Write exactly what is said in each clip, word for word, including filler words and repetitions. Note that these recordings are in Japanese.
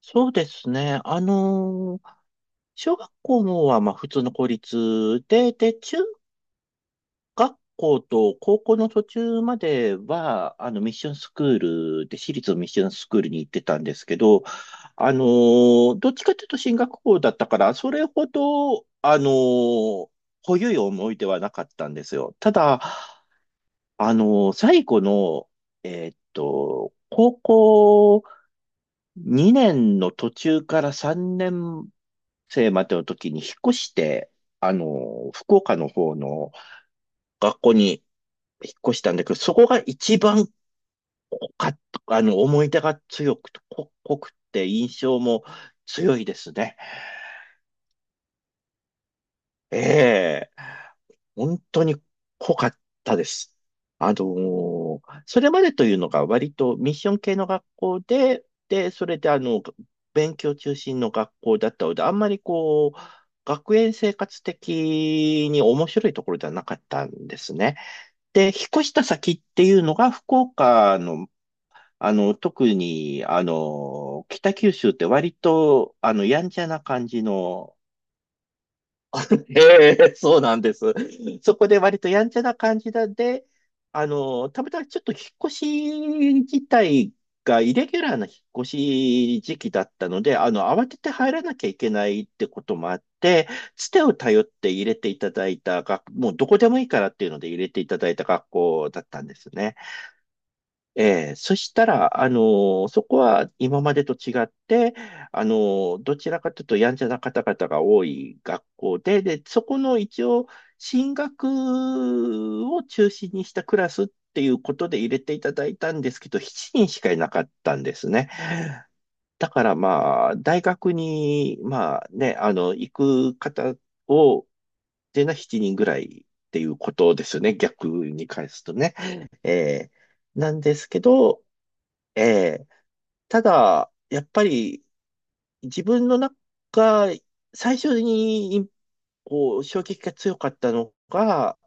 そうですね。あのー小学校のはまあ普通の公立で、で、中学校と高校の途中までは、あの、ミッションスクールで、私立のミッションスクールに行ってたんですけど、あのーどっちかというと進学校だったから、それほど、あのー濃ゆい思い出はなかったんですよ。ただ、あのー最後の、えーっと、高校にねんの途中からさんねん生までの時に引っ越して、あの、福岡の方の学校に引っ越したんだけど、そこが一番濃かった、あの、思い出が強くて、濃濃くて印象も強いですね。ええ、本当に濃かったです。あのーそれまでというのが割とミッション系の学校で、で、それであの、勉強中心の学校だったので、あんまりこう、学園生活的に面白いところではなかったんですね。で、引っ越した先っていうのが福岡の、あの、特に、あの、北九州って割と、あの、やんちゃな感じの、ええ、そうなんです。そこで割とやんちゃな感じなんで、あの、たまたまちょっと引っ越し自体がイレギュラーな引っ越し時期だったので、あの、慌てて入らなきゃいけないってこともあって、つてを頼って入れていただいた学、もうどこでもいいからっていうので入れていただいた学校だったんですね。ええ、そしたら、あの、そこは今までと違って、あの、どちらかというとやんちゃな方々が多い学校で、で、そこの一応、進学を中心にしたクラスっていうことで入れていただいたんですけど、しちにんしかいなかったんですね。だからまあ、大学に、まあね、あの、行く方を、でなしちにんぐらいっていうことですよね、逆に返すとね。ええ、なんですけど、ええ。ただ、やっぱり自分の中、最初にこう衝撃が強かったのが、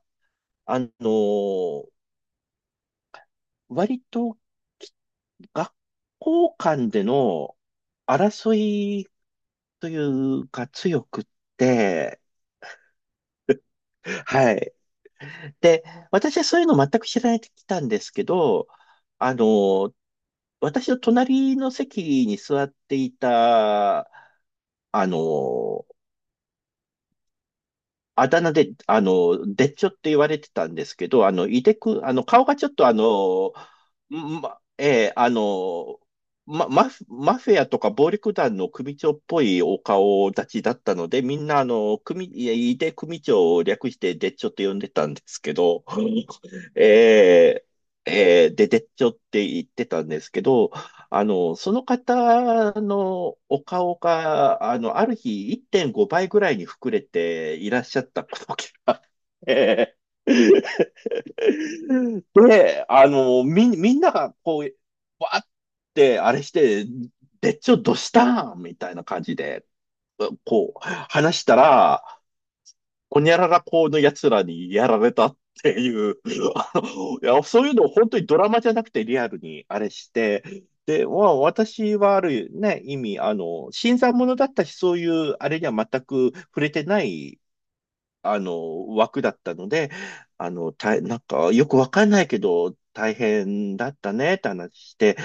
あの、割とき学校間での争いというか強くって、はい。で、私はそういうの全く知られてきたんですけど、あの、私の隣の席に座っていた、あの、あだ名で、あの、でっちょって言われてたんですけど、あの、いでく、あの、顔がちょっとあの、ま、えーあの、ま、マフ、マフィアとか暴力団の組長っぽいお顔立ちだったので、みんなあの、組、いやいで組長を略してでっちょって呼んでたんですけど、えーえーで、でっちょって言ってたんですけど、あの、その方のお顔が、あの、ある日いってんごばいぐらいに膨れていらっしゃったことがあって、で、あの、み、みんながこう、わーってあれして、でっちょどしたんみたいな感じで、こう、話したら、ほにゃらら校の奴らにやられたっていう、あの、いや、そういうのを本当にドラマじゃなくてリアルにあれして、で、まあ、私はあるね、意味、あの、新参者だったし、そういうあれには全く触れてない、あの、枠だったので、あの、た、なんか、よくわかんないけど、大変だったねって話して、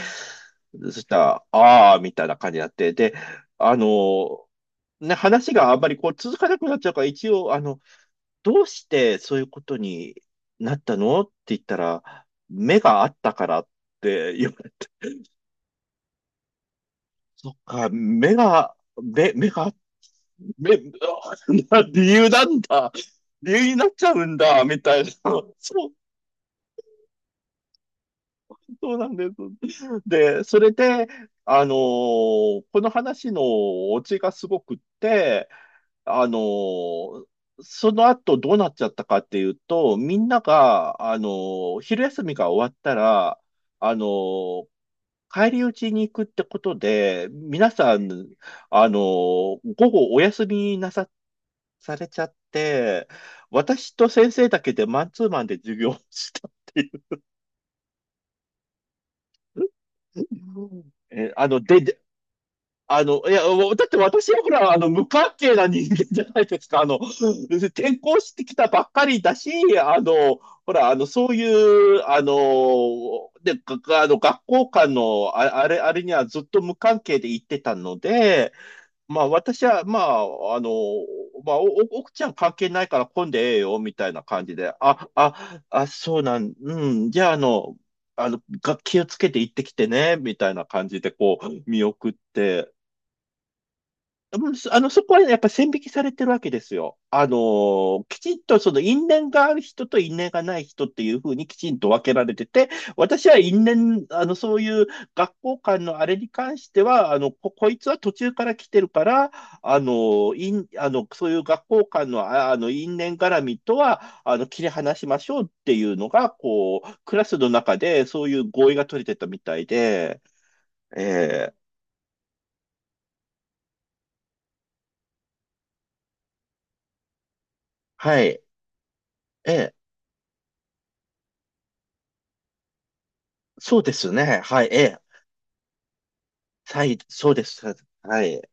そしたら、ああ、みたいな感じになって、で、あの、ね、話があんまりこう続かなくなっちゃうから、一応、あの、どうしてそういうことになったのって言ったら、目があったからって言われて、そっか、目が、目、目が、目、理由なんだ。理由になっちゃうんだ、みたいな。そう、そうなんです。で、それで、あのーこの話のオチがすごくって、あのーその後どうなっちゃったかっていうと、みんなが、あのー昼休みが終わったら、あのー帰り討ちに行くってことで、皆さん、あのー午後お休みなさ、されちゃって、私と先生だけでマンツーマンで授業をしたっていう。うんえ、あの、で、あの、いや、だって私はほら、あの、無関係な人間じゃないですか。あの、転校してきたばっかりだし、あの、ほら、あの、そういう、あの、で、があの、学校間の、あ、あれ、あれにはずっと無関係で行ってたので、まあ、私は、まあ、あの、まあ、お、お奥ちゃん関係ないから混んでええよ、みたいな感じで、あ、あ、あ、そうなん、うん、じゃあ、あの、あの、が気をつけて行ってきてね、みたいな感じで、こう、見送って、うんそあの、そこはねやっぱ線引きされてるわけですよ。あのーきちんとその因縁がある人と因縁がない人っていうふうにきちんと分けられてて、私は因縁、あの、そういう学校間のあれに関しては、あの、こ、こいつは途中から来てるから、あのー、因、あの、そういう学校間の、あ、あの、因縁絡みとは、あの、切り離しましょうっていうのが、こう、クラスの中でそういう合意が取れてたみたいで、ええ、はい。ええ、そうですね。はい。ええ、はい、そうです。はい。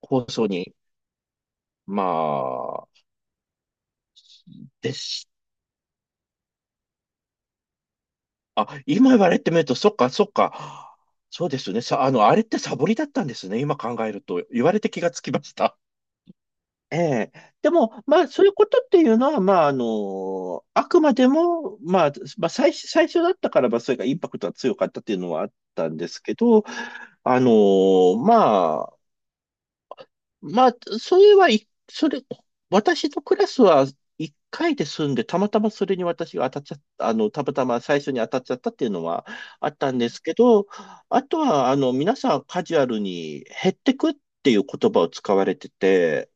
放送に、まあ、です。あ、今言われてみると、そっか、そっか。そうですね。さ、あの、あれってサボりだったんですね。今考えると。言われて気がつきました。ええ。でも、まあ、そういうことっていうのは、まあ、あの、あくまでも、まあ、まあ、最初、最初だったからば、それがインパクトが強かったっていうのはあったんですけど、あの、ままあ、それはい、それ、私のクラスはいっかいで済んで、たまたまそれに私が当たっちゃった、あの、たまたま最初に当たっちゃったっていうのはあったんですけど、あとは、あの、皆さんカジュアルに減ってくっていう言葉を使われてて、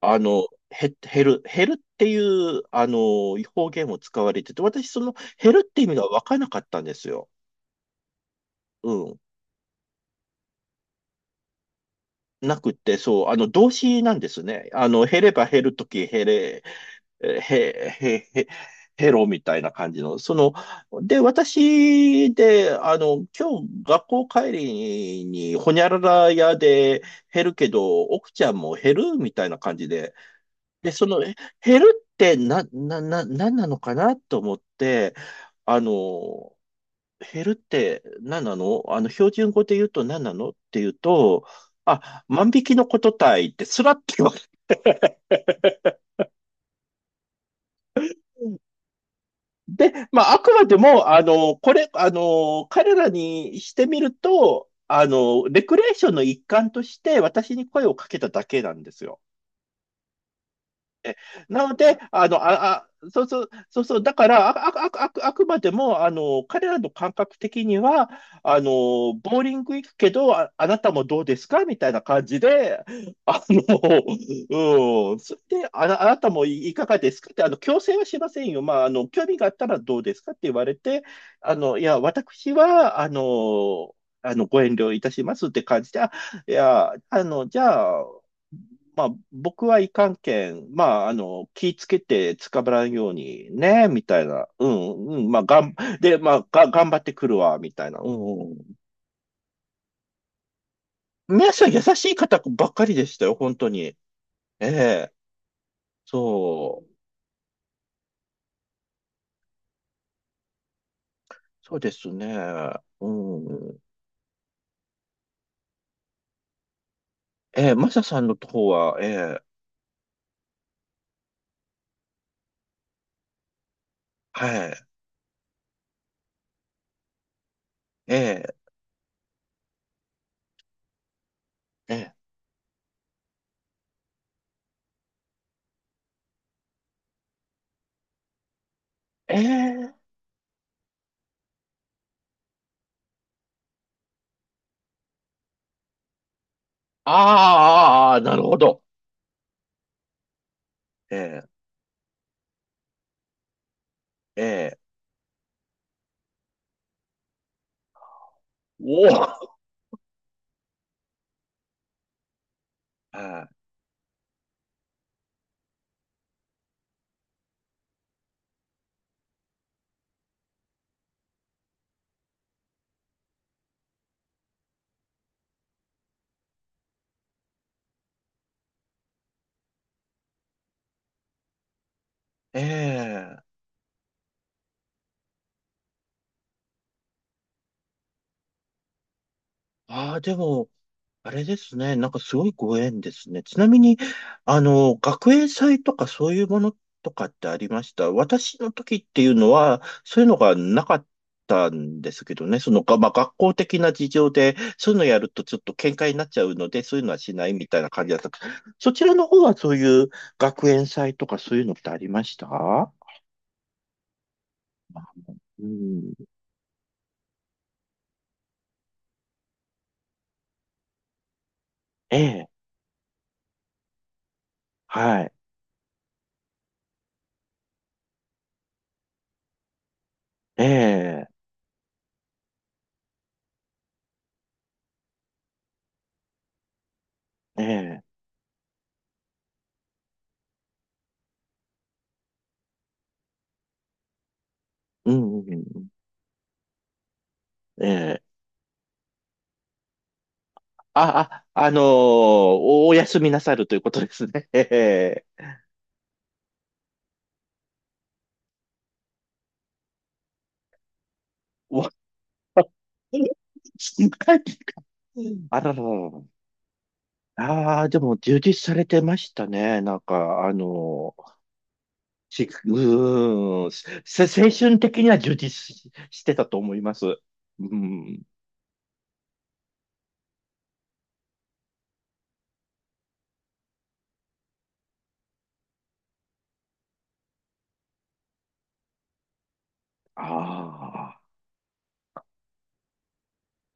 あの、減、減る、減るっていう、あの、方言を使われてて、私その減るって意味がわからなかったんですよ。うん。なくって、そう、あの、動詞なんですね。あの、減れば減るとき、減れ、えへ、へ、へ、ヘロみたいな感じの、その、で、私で、あの、今日学校帰りに、ほにゃらら屋で減るけど、奥ちゃんも減るみたいな感じで、で、その、え減るってな、な、な、なんなのかなと思って、あの、減るって何なのあの、標準語で言うと何なのって言うと、あ、万引きのことたいって、スラッて言われて、で、まあ、あくまでも、あの、これ、あの、彼らにしてみると、あの、レクレーションの一環として私に声をかけただけなんですよ。なので、あの、あ、あ、そうそう、そうそう、だから、あ、あ、あ、あ、あくまでも、あの、彼らの感覚的には、あの、ボーリング行くけど、あ、あなたもどうですかみたいな感じで、あの、うん、それで、あな、あなたもい、いかがですかって、あの、強制はしませんよ。まあ、あの、興味があったらどうですかって言われて、あの、いや、私は、あの、あの、ご遠慮いたしますって感じで、あ、いや、あの、じゃあ、まあ、僕はいかんけん、まあ、あの、気ぃつけて捕まらんようにね、みたいな。うん、うん、まあ、がん、で、まあ、が、頑張ってくるわ、みたいな。うん、うん。皆さん優しい方ばっかりでしたよ、本当に。ええ、そう、そうですね。うん。ええ、マサさんの方は、ええ、はい、ええ、ええ、ええ、あーあー、あー、なるほど。ええ、ええ、おお、ええ、ええ、ああ、でも、あれですね。なんかすごいご縁ですね。ちなみに、あの、学園祭とかそういうものとかってありました。私の時っていうのは、そういうのがなかったんですけどね。その、がまあ、学校的な事情で、そういうのやるとちょっと喧嘩になっちゃうので、そういうのはしないみたいな感じだった。そちらの方はそういう学園祭とかそういうのってありました。うん。ええ。はい。ええ。ええ。うん。うん、うん、ええ。あ、あ、あのーお、お休みなさるということですね。ええ、わ、深いあらららら。ああ、でも充実されてましたね。なんか、あのー、し、うーん、せ、せ青春的には充実し、してたと思います。うん。ああ。